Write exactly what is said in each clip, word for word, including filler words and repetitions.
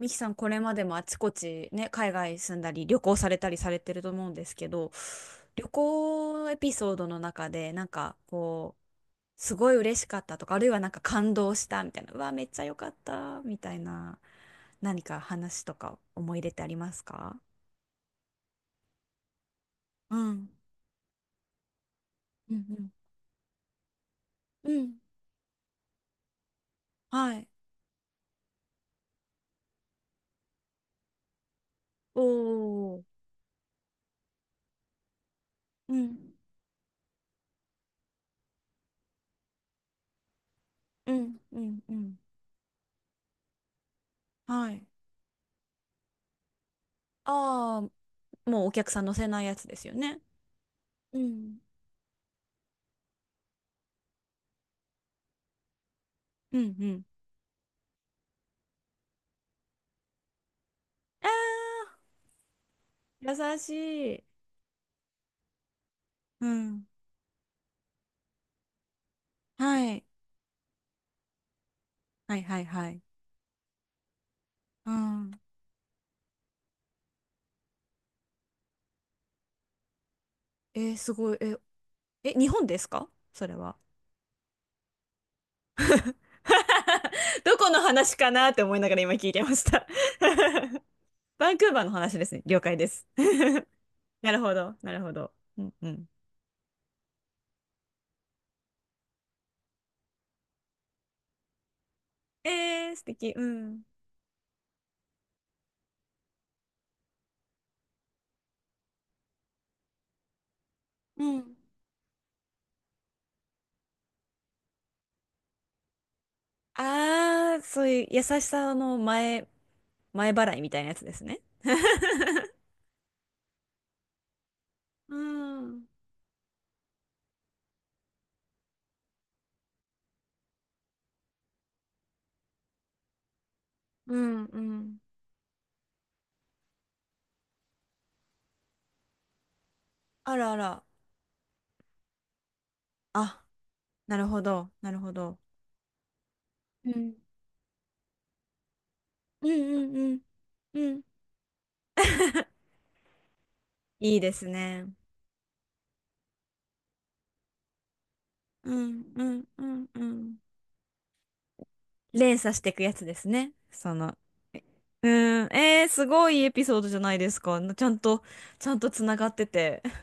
ミキさん、これまでもあちこちね、海外住んだり、旅行されたりされてると思うんですけど、旅行エピソードの中で、なんかこう、すごい嬉しかったとか、あるいはなんか感動したみたいな、うわ、めっちゃ良かった、みたいな、何か話とか思い入れってありますか？うん。うんうん。うん。はい。おー。うん。うんうんうん。はい。ああ、もうお客さん乗せないやつですよね。うん。うんうん。優しい。うん。はい。はいはいはい。うん。えーすごい。え、え、日本ですかそれは？どこの話かなって思いながら今聞いてました。 バンクーバーの話ですね。了解です。なるほど、なるほど。うんうん。えー、素敵。うん。うん。あー、そういう優しさの前、前払いみたいなやつですね。うん。うん。うん。あらあら。あ、なるほど、なるほど。うん。うんうんうんうん。いいですね。うんうんうんうん。連鎖していくやつですね。その。うん。えー、すごいエピソードじゃないですか。ちゃんと、ちゃんとつながってて。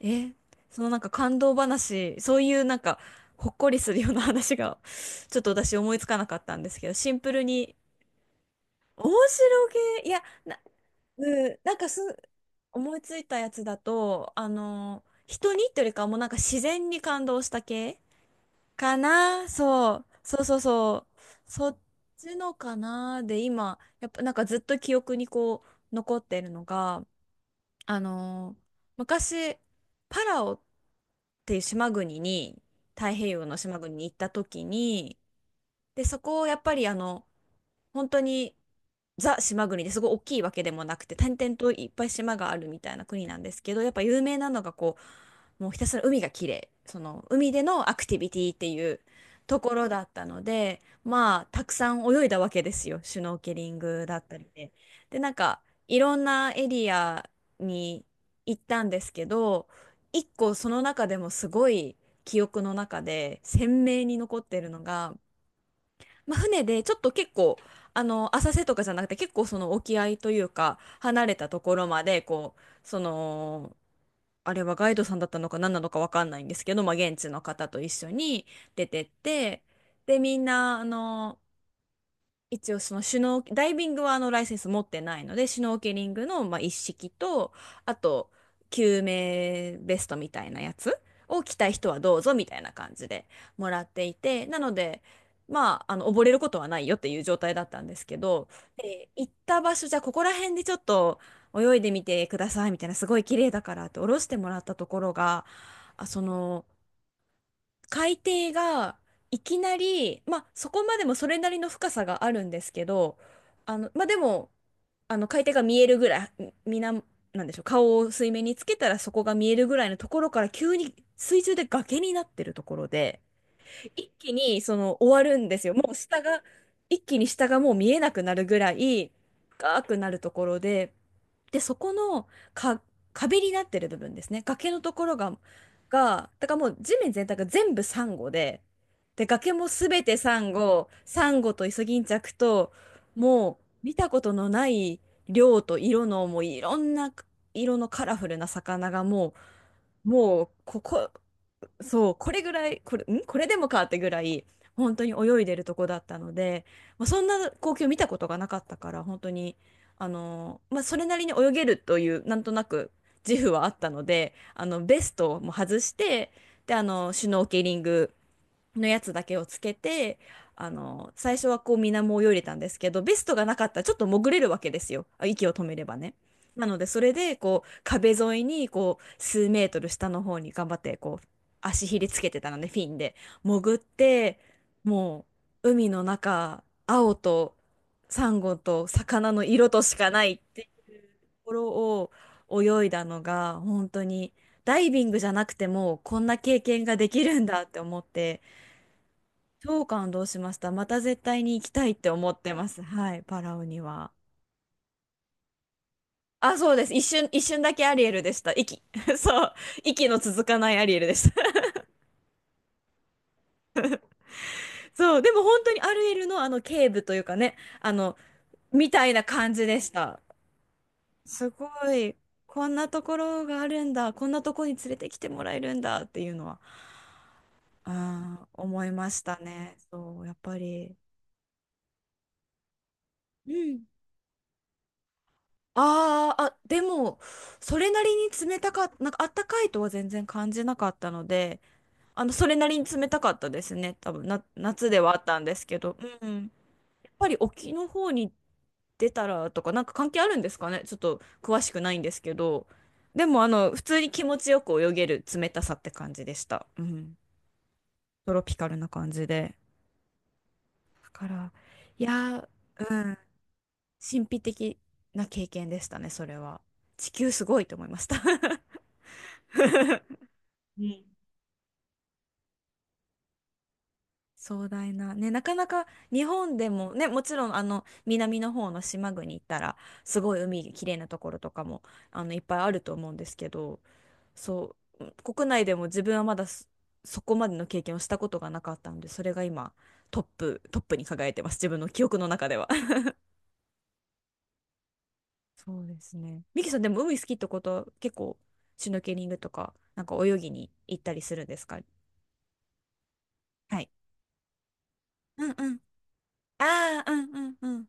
え、そのなんか感動話、そういうなんか、ほっこりするような話が、ちょっと私思いつかなかったんですけど、シンプルに、面白げ。いや、なうん、なんかす、思いついたやつだと、あの、人にっていうよりかはもうなんか自然に感動した系かな。そう。そうそうそう。そっちのかなで、今、やっぱなんかずっと記憶にこう、残ってるのが、あの、昔、パラオっていう島国に、太平洋の島国に行った時に、で、そこをやっぱりあの、本当にザ島国で、すごい大きいわけでもなくて、点々といっぱい島があるみたいな国なんですけど、やっぱ有名なのが、こうもうひたすら海が綺麗、その海でのアクティビティっていうところだったので、まあたくさん泳いだわけですよ、シュノーケリングだったりで。でなんかいろんなエリアに行ったんですけど、一個その中でもすごい記憶の中で鮮明に残ってるのが、まあ、船でちょっと結構、あの浅瀬とかじゃなくて結構その沖合というか離れたところまで、こうそのあれはガイドさんだったのか何なのか分かんないんですけど、まあ、現地の方と一緒に出てって、でみんなあの一応そのシュノー、ダイビングはあのライセンス持ってないので、シュノーケリングのまあ一式と、あと救命ベストみたいなやつを着たい人はどうぞみたいな感じでもらっていて、なので、まあ、あの溺れることはないよっていう状態だったんですけど、で行った場所、じゃあここら辺でちょっと泳いでみてくださいみたいな、すごい綺麗だからって下ろしてもらったところが、あ、その、海底がいきなり、まあ、そこまでもそれなりの深さがあるんですけど、あの、まあ、でも、あの海底が見えるぐらい、みな、なんでしょう、顔を水面につけたらそこが見えるぐらいのところから急に水中で崖になってるところで、一気にその終わるんですよ。もう下が、一気に下がもう見えなくなるぐらい深くなるところで、で、そこのか壁になってる部分ですね。崖のところが、が、だからもう地面全体が全部サンゴで、で、崖もすべてサンゴ、サンゴとイソギンチャクと、もう見たことのない量と色の、もういろんな色のカラフルな魚がもう、もうここ、そう、これぐらい、これ、んこれでもかってぐらい、本当に泳いでるとこだったので、まあ、そんな光景を見たことがなかったから、本当に、あのーまあ、それなりに泳げるという、なんとなく自負はあったので、あの、ベストも外して、で、あの、シュノーケリングのやつだけをつけて、あの最初はこう水面を泳いでたんですけど、ベストがなかったらちょっと潜れるわけですよ、あ息を止めればね。なのでそれでこう壁沿いにこう数メートル下の方に頑張ってこう足ひれつけてたのでフィンで潜って、もう海の中青とサンゴと魚の色としかないっていうところを泳いだのが、本当にダイビングじゃなくてもこんな経験ができるんだって思って。超感動しました。また絶対に行きたいって思ってます。はい、パラオには。あ、そうです。一瞬、一瞬だけアリエルでした。息。そう。息の続かないアリエルでした。そう。でも本当にアリエルのあの警部というかね、あの、みたいな感じでした。すごい。こんなところがあるんだ。こんなとこに連れてきてもらえるんだっていうのは、あー、思いましたね。そう、やっぱり。うん。あーあ、でも、それなりに冷たかった、なんかあったかいとは全然感じなかったので、あの、それなりに冷たかったですね。多分な、夏ではあったんですけど、うん。やっぱり沖の方に出たらとか、なんか関係あるんですかね。ちょっと詳しくないんですけど、でも、あの、普通に気持ちよく泳げる冷たさって感じでした。うん。トロピカルな感じで。だから、いやー、うん。神秘的な経験でしたね、それは。地球すごいと思いました。うん、壮大な、ね、なかなか日本でも、ね、もちろんあの南の方の島国行ったらすごい海きれいなところとかもあのいっぱいあると思うんですけど、そう国内でも自分はまだそ、そこまでの経験をしたことがなかったので、それが今トップ、トップに輝いてます、自分の記憶の中では。 そうですね。ミキさんでも海好きってことは結構シュノーケリングとかなんか泳ぎに行ったりするんですか？はい。うんうん。ああ、うんうんうん。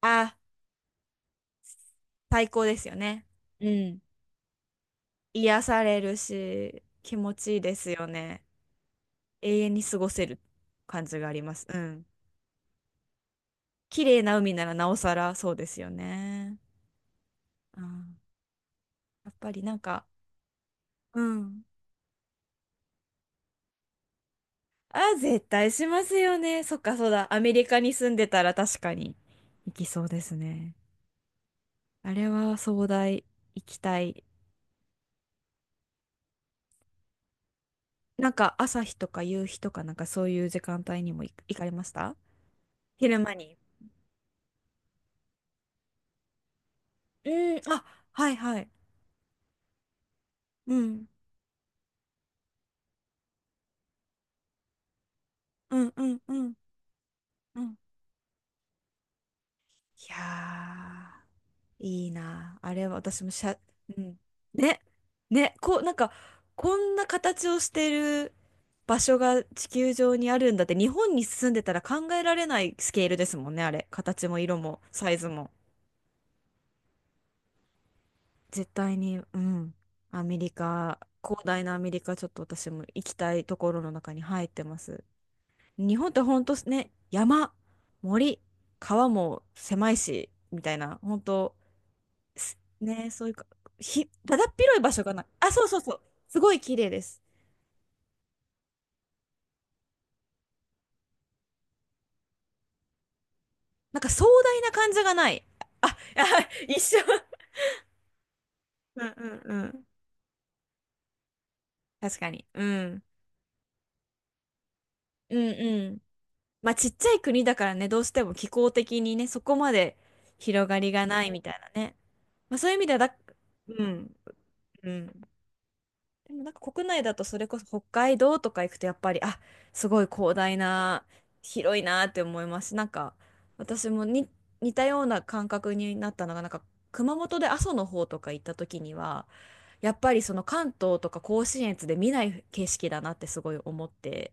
ああ、最高ですよね。うん。癒されるし、気持ちいいですよね。永遠に過ごせる感じがあります。うん。綺麗な海ならなおさらそうですよね。うん。やっぱりなんか、うん。あ、絶対しますよね。そっか、そうだ。アメリカに住んでたら確かに行きそうですね。あれは壮大、行きたい。なんか朝日とか夕日とかなんかそういう時間帯にも行行かれました？昼間に。うん、あ、はいはい。うん。うんうんうんうん。いやー、いいな。あれは私もしゃ、うん。ね、ね、こう、なんか、こんな形をしてる場所が地球上にあるんだって、日本に住んでたら考えられないスケールですもんね、あれ。形も色もサイズも。絶対に、うん。アメリカ、広大なアメリカ、ちょっと私も行きたいところの中に入ってます。日本ってほんとね、山、森、川も狭いし、みたいな、本当すね、そういうか、ひ、だだっ広い場所がない。あ、そうそうそう。すごい綺麗です。なんか壮大な感じがない。あ、あ、一緒。うんうんうん。確かに。うん。うんうん。まあちっちゃい国だからね、どうしても気候的にね、そこまで広がりがないみたいなね。まあそういう意味ではだ、うん、うん。でもなんか国内だとそれこそ北海道とか行くとやっぱり、あ、すごい広大な、広いなって思いますし、なんか私もに似たような感覚になったのが、なんか熊本で阿蘇の方とか行った時には、やっぱりその関東とか甲信越で見ない景色だなってすごい思って、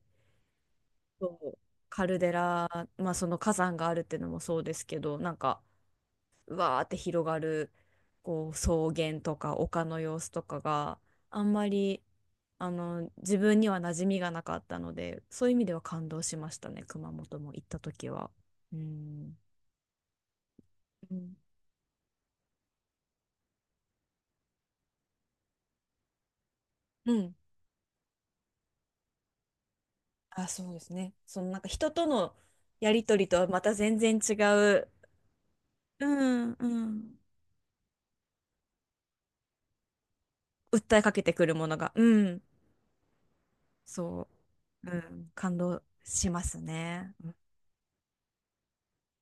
そうカルデラ、まあその火山があるっていうのもそうですけど、なんかわーって広がるこう草原とか丘の様子とかがあんまりあの自分には馴染みがなかったので、そういう意味では感動しましたね、熊本も行った時は。うんうんうん。あ、そうですね。そのなんか人とのやりとりとはまた全然違う、うんうん、訴えかけてくるものが、うん、そう、うん、感動しますね。